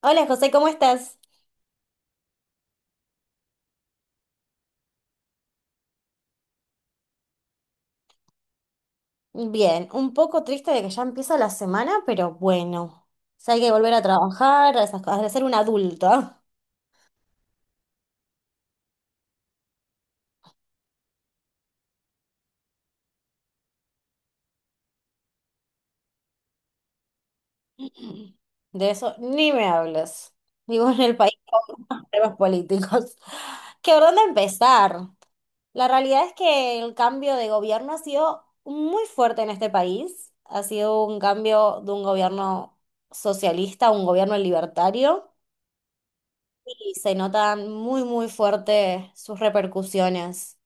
Hola José, ¿cómo estás? Bien, un poco triste de que ya empieza la semana, pero bueno, o sea, hay que volver a trabajar, a esas cosas, de ser un adulto. De eso ni me hables. Vivo en el país con temas políticos. ¿Qué por dónde empezar? La realidad es que el cambio de gobierno ha sido muy fuerte en este país. Ha sido un cambio de un gobierno socialista a un gobierno libertario y se notan muy, muy fuerte sus repercusiones.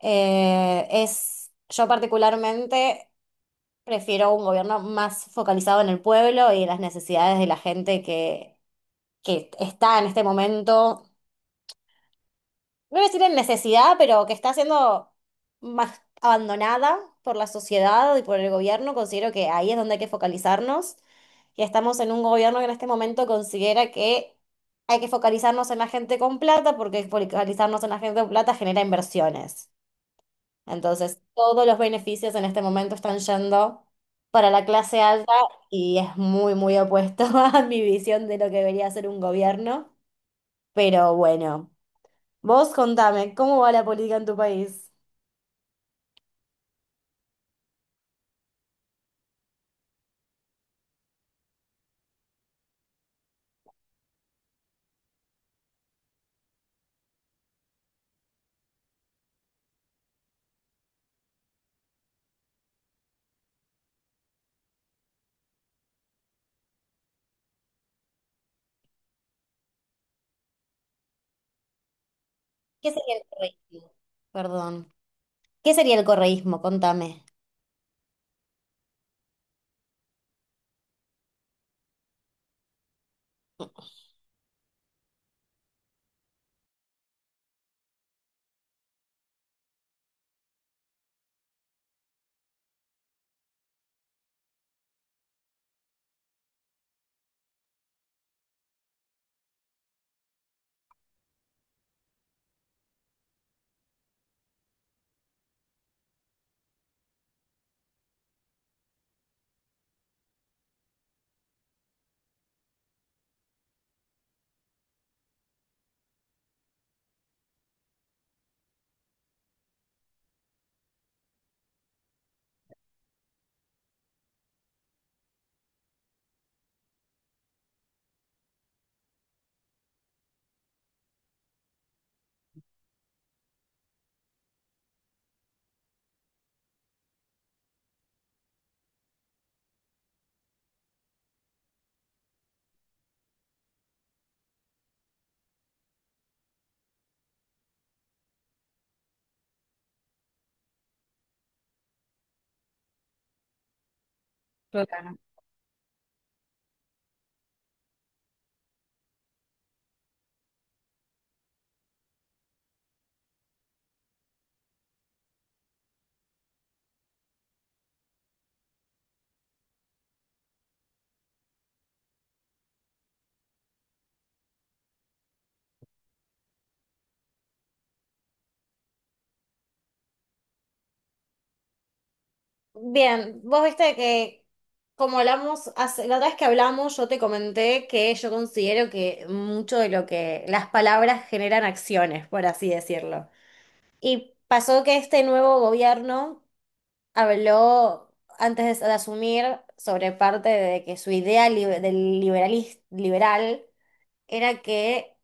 Yo particularmente prefiero un gobierno más focalizado en el pueblo y en las necesidades de la gente que está en este momento, no voy a decir en necesidad, pero que está siendo más abandonada por la sociedad y por el gobierno. Considero que ahí es donde hay que focalizarnos. Y estamos en un gobierno que en este momento considera que hay que focalizarnos en la gente con plata, porque focalizarnos en la gente con plata genera inversiones. Entonces, todos los beneficios en este momento están yendo para la clase alta y es muy, muy opuesto a mi visión de lo que debería ser un gobierno. Pero bueno, vos contame, ¿cómo va la política en tu país? ¿Qué sería el correísmo? Perdón. ¿Qué sería el correísmo? Contame. Bien, vos viste que como hablamos, la otra vez que hablamos, yo te comenté que yo considero que mucho de lo que las palabras generan acciones, por así decirlo. Y pasó que este nuevo gobierno habló antes de asumir sobre parte de que su idea del liberal era que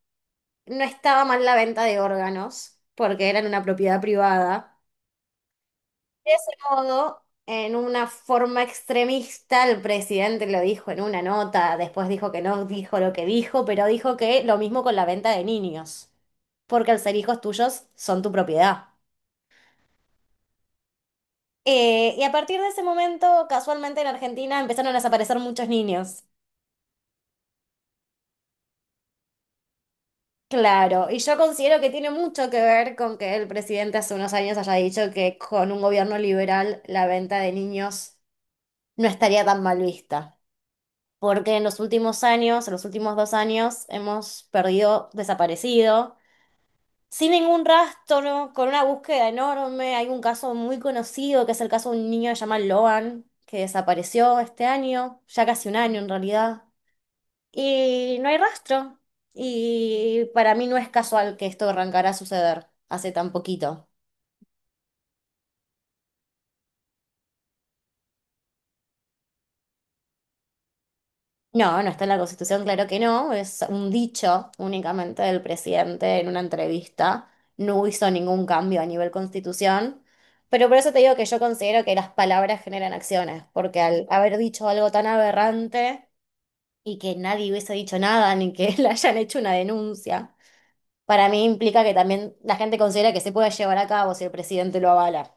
no estaba mal la venta de órganos porque eran una propiedad privada. De ese modo, en una forma extremista, el presidente lo dijo en una nota, después dijo que no dijo lo que dijo, pero dijo que lo mismo con la venta de niños, porque al ser hijos tuyos son tu propiedad. Y a partir de ese momento, casualmente en Argentina empezaron a desaparecer muchos niños. Claro, y yo considero que tiene mucho que ver con que el presidente hace unos años haya dicho que con un gobierno liberal la venta de niños no estaría tan mal vista. Porque en los últimos años, en los últimos 2 años, hemos perdido, desaparecido, sin ningún rastro, con una búsqueda enorme. Hay un caso muy conocido, que es el caso de un niño que se llama Loan, que desapareció este año, ya casi un año en realidad. Y no hay rastro. Y para mí no es casual que esto arrancara a suceder hace tan poquito. No, no está en la Constitución, claro que no. Es un dicho únicamente del presidente en una entrevista. No hizo ningún cambio a nivel Constitución. Pero por eso te digo que yo considero que las palabras generan acciones, porque al haber dicho algo tan aberrante y que nadie hubiese dicho nada, ni que le hayan hecho una denuncia, para mí implica que también la gente considera que se puede llevar a cabo si el presidente lo avala.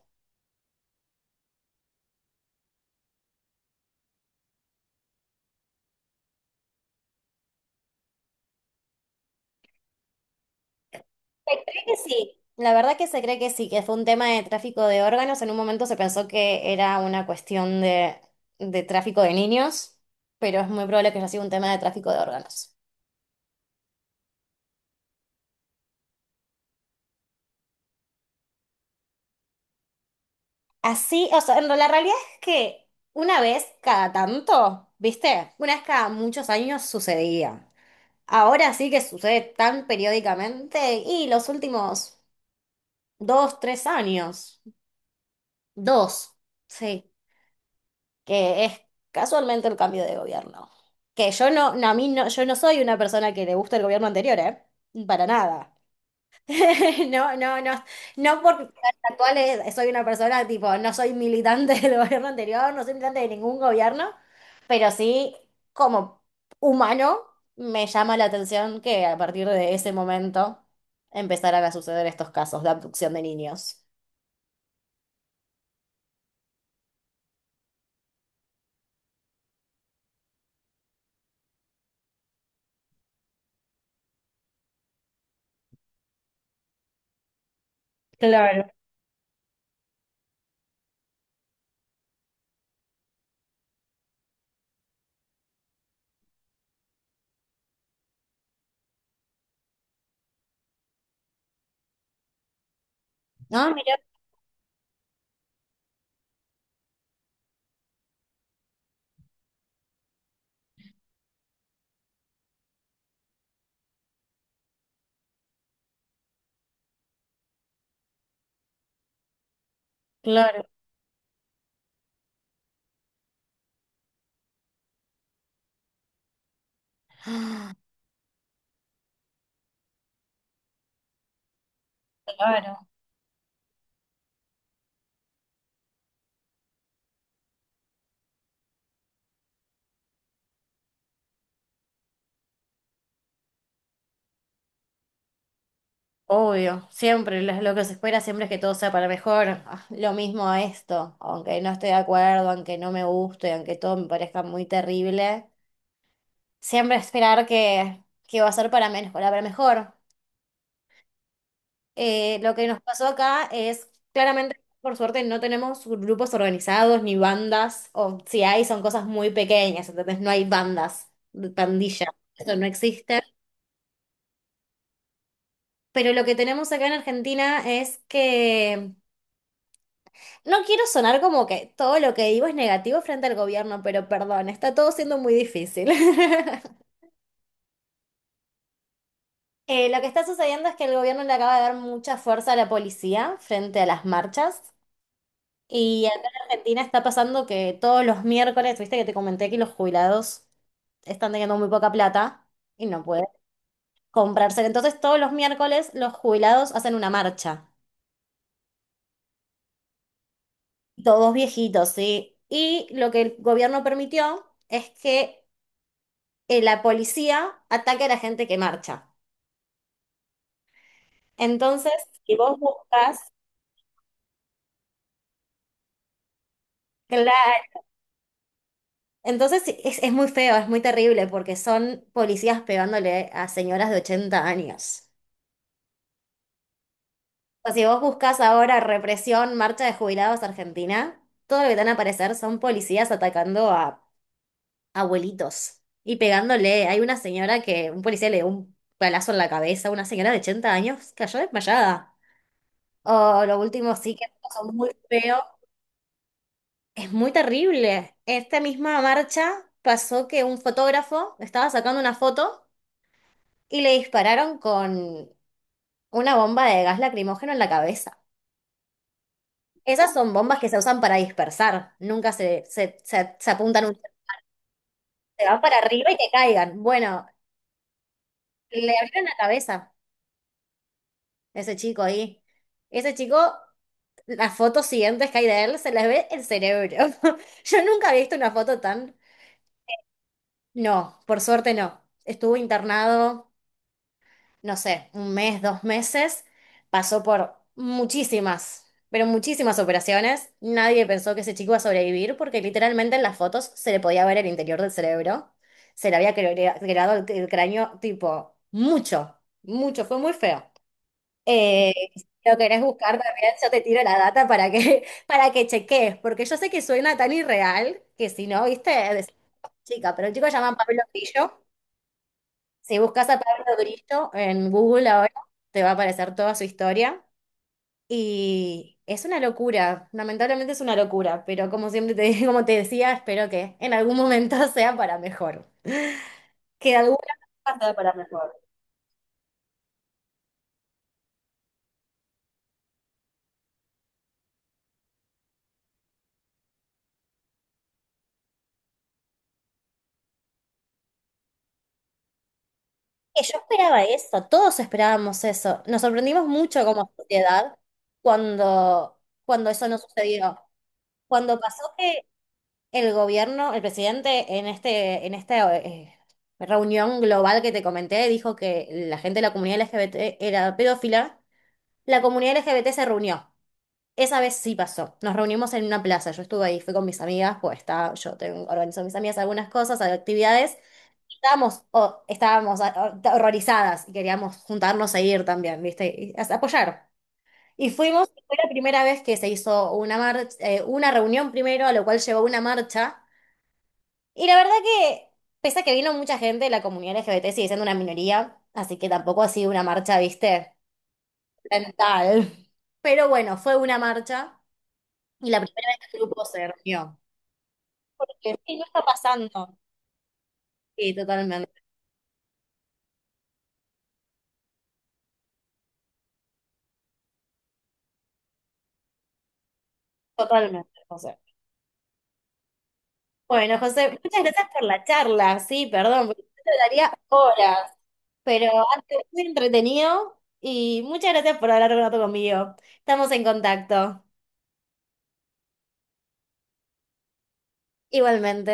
Se cree que sí, la verdad que se cree que sí, que fue un tema de tráfico de órganos. En un momento se pensó que era una cuestión de tráfico de niños, pero es muy probable que haya sido un tema de tráfico de órganos. Así, o sea, la realidad es que una vez cada tanto, ¿viste? Una vez cada muchos años sucedía. Ahora sí que sucede tan periódicamente y los últimos 2, 3 años, dos, sí. Que es casualmente el cambio de gobierno. Que yo no, no, a mí no, yo no soy una persona que le gusta el gobierno anterior, ¿eh? Para nada. No, no, no. No porque el actual soy una persona tipo, no soy militante del gobierno anterior, no soy militante de ningún gobierno, pero sí, como humano, me llama la atención que a partir de ese momento empezaran a suceder estos casos de abducción de niños. Claro. No, mira, claro. Claro. Obvio, siempre lo que se espera siempre es que todo sea para mejor. Ah, lo mismo a esto, aunque no esté de acuerdo, aunque no me guste, aunque todo me parezca muy terrible, siempre esperar que va a ser para menos, para mejor. Lo que nos pasó acá es, claramente, por suerte, no tenemos grupos organizados ni bandas, o si hay, son cosas muy pequeñas, entonces no hay bandas, pandillas, eso no existe. Pero lo que tenemos acá en Argentina es que. No quiero sonar como que todo lo que digo es negativo frente al gobierno, pero perdón, está todo siendo muy difícil. Lo que está sucediendo es que el gobierno le acaba de dar mucha fuerza a la policía frente a las marchas. Y acá en Argentina está pasando que todos los miércoles, viste que te comenté que los jubilados están teniendo muy poca plata y no pueden comprarse. Entonces todos los miércoles los jubilados hacen una marcha. Todos viejitos, ¿sí? Y lo que el gobierno permitió es que la policía ataca a la gente que marcha. Entonces, si vos buscas, claro, entonces sí, es muy feo, es muy terrible, porque son policías pegándole a señoras de 80 años. O sea, si vos buscas ahora represión, marcha de jubilados Argentina, todo lo que te van a aparecer son policías atacando a abuelitos y pegándole. Hay una señora que un policía le dio un palazo en la cabeza, una señora de 80 años cayó desmayada. O lo último sí que son muy feos. Es muy terrible. Esta misma marcha pasó que un fotógrafo estaba sacando una foto y le dispararon con una bomba de gas lacrimógeno en la cabeza. Esas son bombas que se usan para dispersar, nunca se apuntan, se van para arriba y que caigan. Bueno, le abrieron la cabeza a ese chico ahí. Ese chico, las fotos siguientes que hay de él, se les ve el cerebro. Yo nunca había visto una foto tan. No, por suerte no. Estuvo internado. No sé, un mes, 2 meses, pasó por muchísimas, pero muchísimas operaciones. Nadie pensó que ese chico iba a sobrevivir porque literalmente en las fotos se le podía ver el interior del cerebro. Se le había creado el cráneo tipo mucho, mucho, fue muy feo. Si lo querés buscar también, yo te tiro la data para que, para que cheques, porque yo sé que suena tan irreal que si no, viste, decís, chica, pero el chico se llama Pablo Grillo. Si buscas a Pablo Grillo en Google ahora, te va a aparecer toda su historia. Y es una locura, lamentablemente es una locura, pero como siempre te, como te decía, espero que en algún momento sea para mejor. Que de alguna forma sea para mejor. Que yo esperaba eso, todos esperábamos eso. Nos sorprendimos mucho como sociedad cuando, cuando eso no sucedió. Cuando pasó que el gobierno, el presidente en este, en esta reunión global que te comenté dijo que la gente de la comunidad LGBT era pedófila. La comunidad LGBT se reunió. Esa vez sí pasó. Nos reunimos en una plaza. Yo estuve ahí, fui con mis amigas, pues está, yo tengo, organizo a mis amigas algunas cosas, actividades. Estábamos horrorizadas y queríamos juntarnos a ir también, ¿viste? Y apoyar. Y fuimos, fue la primera vez que se hizo una marcha, una reunión primero, a lo cual llevó una marcha. Y la verdad que, pese a que vino mucha gente, la comunidad LGBT sigue siendo una minoría, así que tampoco ha sido una marcha, viste, mental. Pero bueno, fue una marcha y la primera vez que el grupo se reunió. Porque sí, no está pasando. Sí, totalmente, totalmente, José. Bueno, José, muchas gracias por la charla. Sí, perdón, porque yo te daría horas, pero antes muy entretenido y muchas gracias por hablar un rato conmigo. Estamos en contacto. Igualmente.